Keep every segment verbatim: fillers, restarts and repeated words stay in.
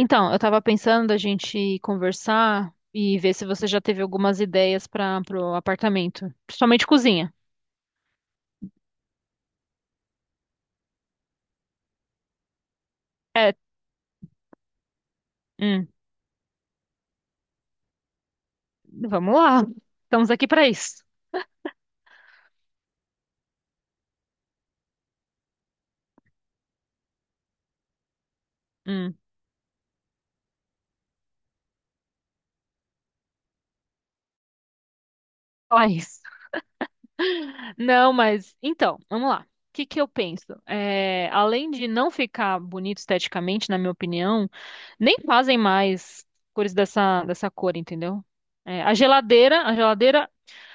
Então, eu tava pensando a gente conversar e ver se você já teve algumas ideias para pro apartamento, principalmente cozinha. É, hum, vamos lá. Estamos aqui para isso. Hum, só isso. Não, mas então, vamos lá. O que que eu penso? É, além de não ficar bonito esteticamente, na minha opinião, nem fazem mais cores dessa, dessa cor, entendeu? É, a geladeira, a geladeira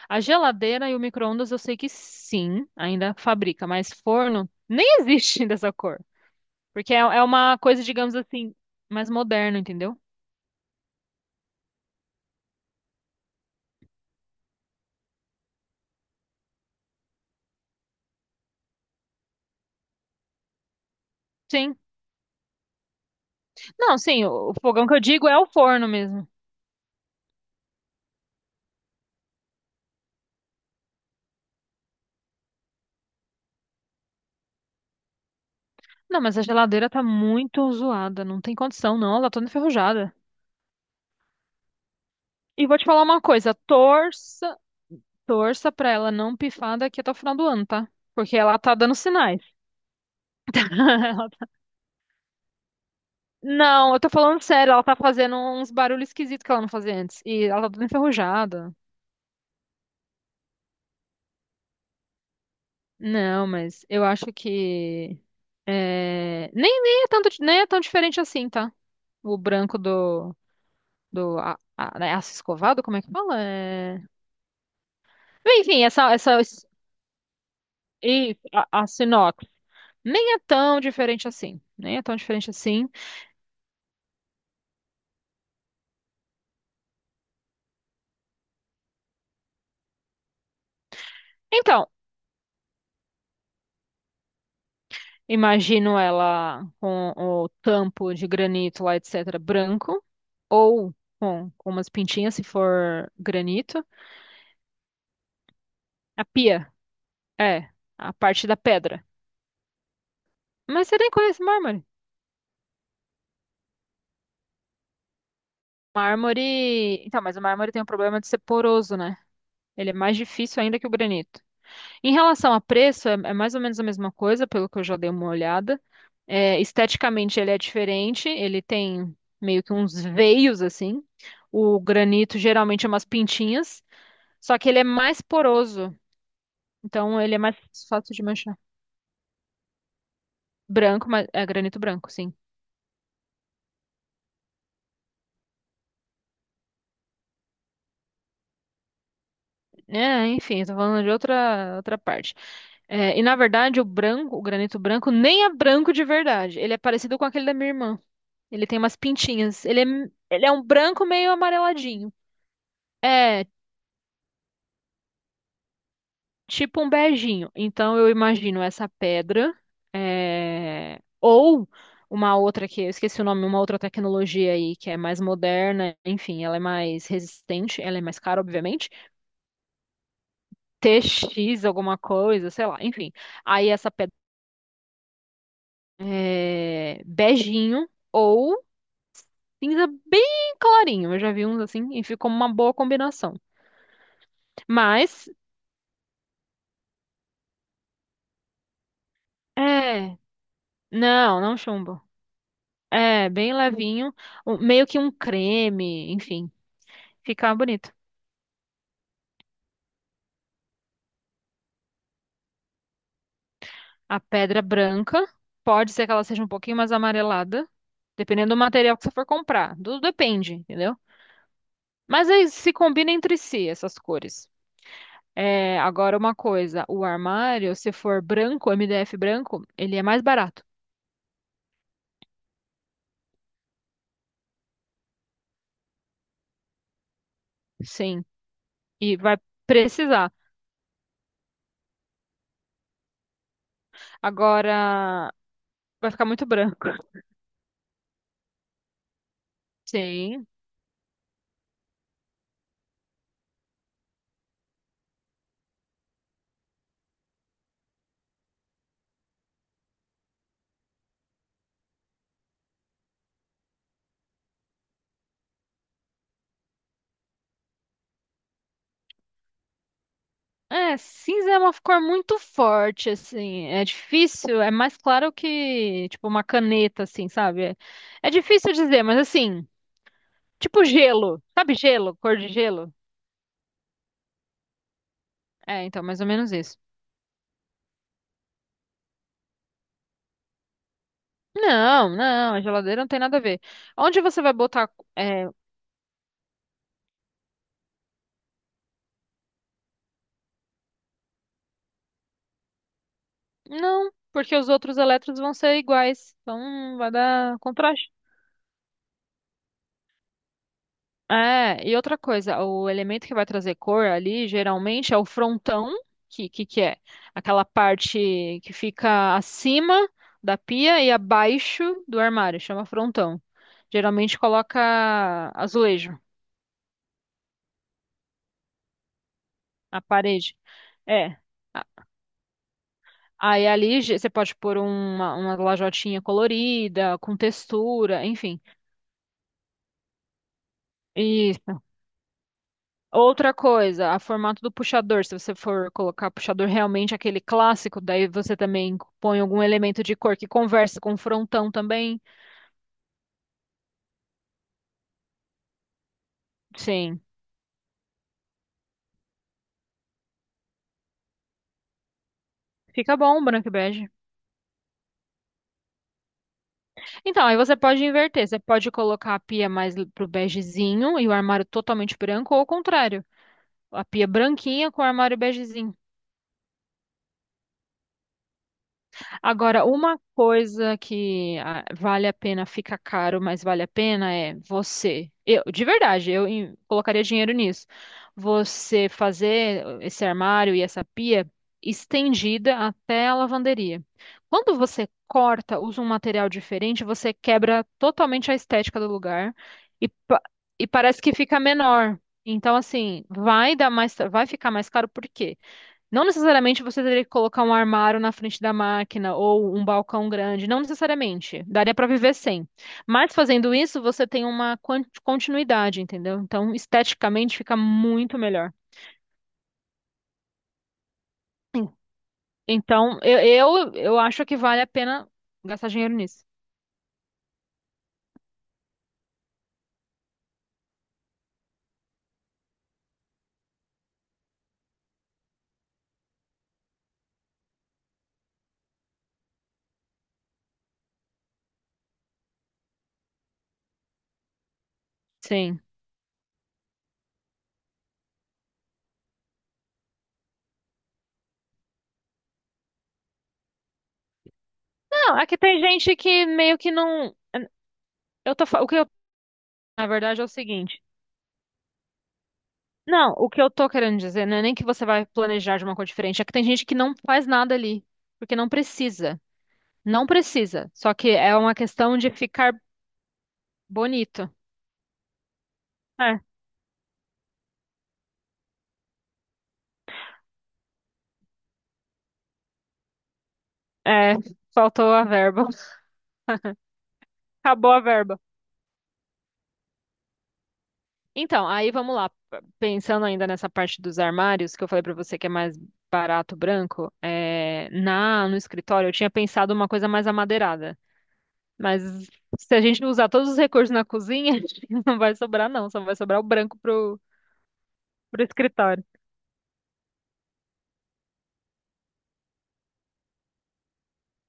a geladeira e o micro-ondas eu sei que sim, ainda fabrica, mas forno nem existe dessa cor. Porque é, é uma coisa, digamos assim, mais moderna, entendeu? Sim. Não, sim, o, o fogão que eu digo é o forno mesmo. Não, mas a geladeira tá muito zoada, não tem condição, não, ela tá toda enferrujada. E vou te falar uma coisa, torça, torça pra ela não pifar daqui até o final do ano, tá? Porque ela tá dando sinais. não, eu tô falando sério, ela tá fazendo uns barulhos esquisitos que ela não fazia antes. E ela tá toda enferrujada. Não, mas eu acho que é, nem, nem é tanto, di- nem é tão diferente assim, tá? O branco do, do a, a, né, aço escovado, como é que fala? É... Enfim, essa, essa e a, a sinox nem é tão diferente assim, nem é tão diferente assim. Então, imagino ela com o tampo de granito lá, etc, branco, ou com, com umas pintinhas, se for granito. A pia, é, a parte da pedra. Mas você nem conhece mármore. Mármore. Então, mas o mármore tem um problema de ser poroso, né? Ele é mais difícil ainda que o granito. Em relação a preço, é, é mais ou menos a mesma coisa, pelo que eu já dei uma olhada. É, esteticamente, ele é diferente, ele tem meio que uns veios assim. O granito geralmente é umas pintinhas, só que ele é mais poroso, então ele é mais fácil de manchar. Branco, mas é granito branco, sim. É, enfim, tô falando de outra, outra parte. É, e na verdade, o branco, o granito branco, nem é branco de verdade. Ele é parecido com aquele da minha irmã. Ele tem umas pintinhas. Ele é, ele é um branco meio amareladinho. É, tipo um beijinho. Então eu imagino essa pedra, é, ou uma outra que eu esqueci o nome, uma outra tecnologia aí que é mais moderna, enfim, ela é mais resistente, ela é mais cara, obviamente. T X, alguma coisa, sei lá, enfim. Aí essa pedra é, beijinho ou cinza bem clarinho. Eu já vi uns assim e ficou uma boa combinação. Mas, é, não, não chumbo. É, bem levinho, um- meio que um creme, enfim, fica bonito. A pedra branca, pode ser que ela seja um pouquinho mais amarelada, dependendo do material que você for comprar. Tudo depende, entendeu? Mas aí se combina entre si essas cores. É, agora uma coisa, o armário, se for branco, M D F branco, ele é mais barato. Sim. E vai precisar. Agora, vai ficar muito branco. Sim. É, cinza é uma cor muito forte, assim. É difícil, é mais claro que, tipo, uma caneta, assim, sabe? É, é difícil dizer, mas assim, tipo gelo. Sabe gelo? Cor de gelo? É, então, mais ou menos isso. Não, não, a geladeira não tem nada a ver. Onde você vai botar? É, não, porque os outros elétrons vão ser iguais. Então, vai dar contraste. É, e outra coisa, o elemento que vai trazer cor ali geralmente é o frontão, que, que, que é aquela parte que fica acima da pia e abaixo do armário, chama frontão. Geralmente coloca azulejo a parede. É. A- Aí ali ge- você pode pôr uma, uma lajotinha colorida, com textura, enfim. Isso. Outra coisa, a formato do puxador. Se você for colocar puxador realmente aquele clássico, daí você também põe algum elemento de cor que conversa com o frontão também. Sim. Fica bom, branco e bege. Então, aí você pode inverter. Você pode colocar a pia mais l- pro begezinho e o armário totalmente branco, ou ao contrário, a pia branquinha com o armário begezinho. Agora, uma coisa que ah, vale a pena, fica caro, mas vale a pena é você. Eu, de verdade, eu em- colocaria dinheiro nisso. Você fazer esse armário e essa pia estendida até a lavanderia. Quando você corta, usa um material diferente, você quebra totalmente a estética do lugar e, pa- e parece que fica menor. Então, assim, vai dar mais, vai ficar mais caro, por quê? Não necessariamente você teria que colocar um armário na frente da máquina ou um balcão grande, não necessariamente. Daria para viver sem. Mas fazendo isso, você tem uma quan- continuidade, entendeu? Então, esteticamente fica muito melhor. Sim. Então, eu, eu, eu acho que vale a pena gastar dinheiro nisso. Sim. Não, aqui tem gente que meio que não. Eu tô, fa- o que eu, na verdade, é o seguinte. Não, o que eu tô querendo dizer não é nem que você vai planejar de uma cor diferente, é que tem gente que não faz nada ali, porque não precisa. Não precisa, só que é uma questão de ficar bonito. É, é, faltou a verba. Acabou a verba. Então, aí vamos lá. Pensando ainda nessa parte dos armários, que eu falei pra você que é mais barato branco, é, na no escritório eu tinha pensado uma coisa mais amadeirada. Mas se a gente usar todos os recursos na cozinha, a gente não vai sobrar não, só vai sobrar o branco pro, pro escritório.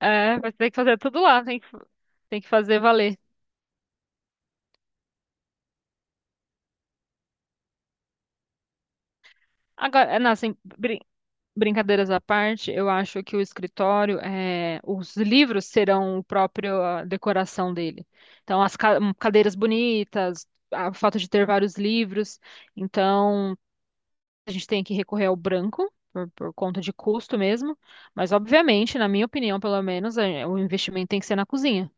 É, vai ter que fazer tudo lá, tem que, tem que fazer valer. Agora, é, não, assim, brin- brincadeiras à parte, eu acho que o escritório, eh, os livros serão o próprio a decoração dele. Então, as ca- hum, cadeiras bonitas, a- o fato de ter vários livros. Então, a gente tem que recorrer ao branco, por, por conta de custo mesmo. Mas, obviamente, na minha opinião, pelo menos, eh, o investimento tem que ser na cozinha.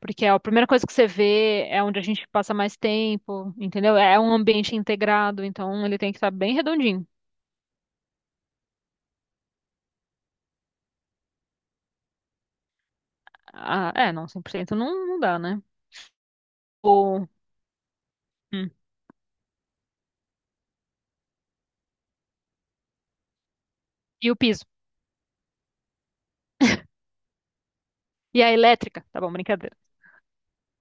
Porque é a primeira coisa que você vê, é onde a gente passa mais tempo, entendeu? É um ambiente integrado, então ele tem que estar bem redondinho. Ah, é, não, cem por cento não, não dá, né? o- hum, e o piso. E a elétrica, tá bom, brincadeira.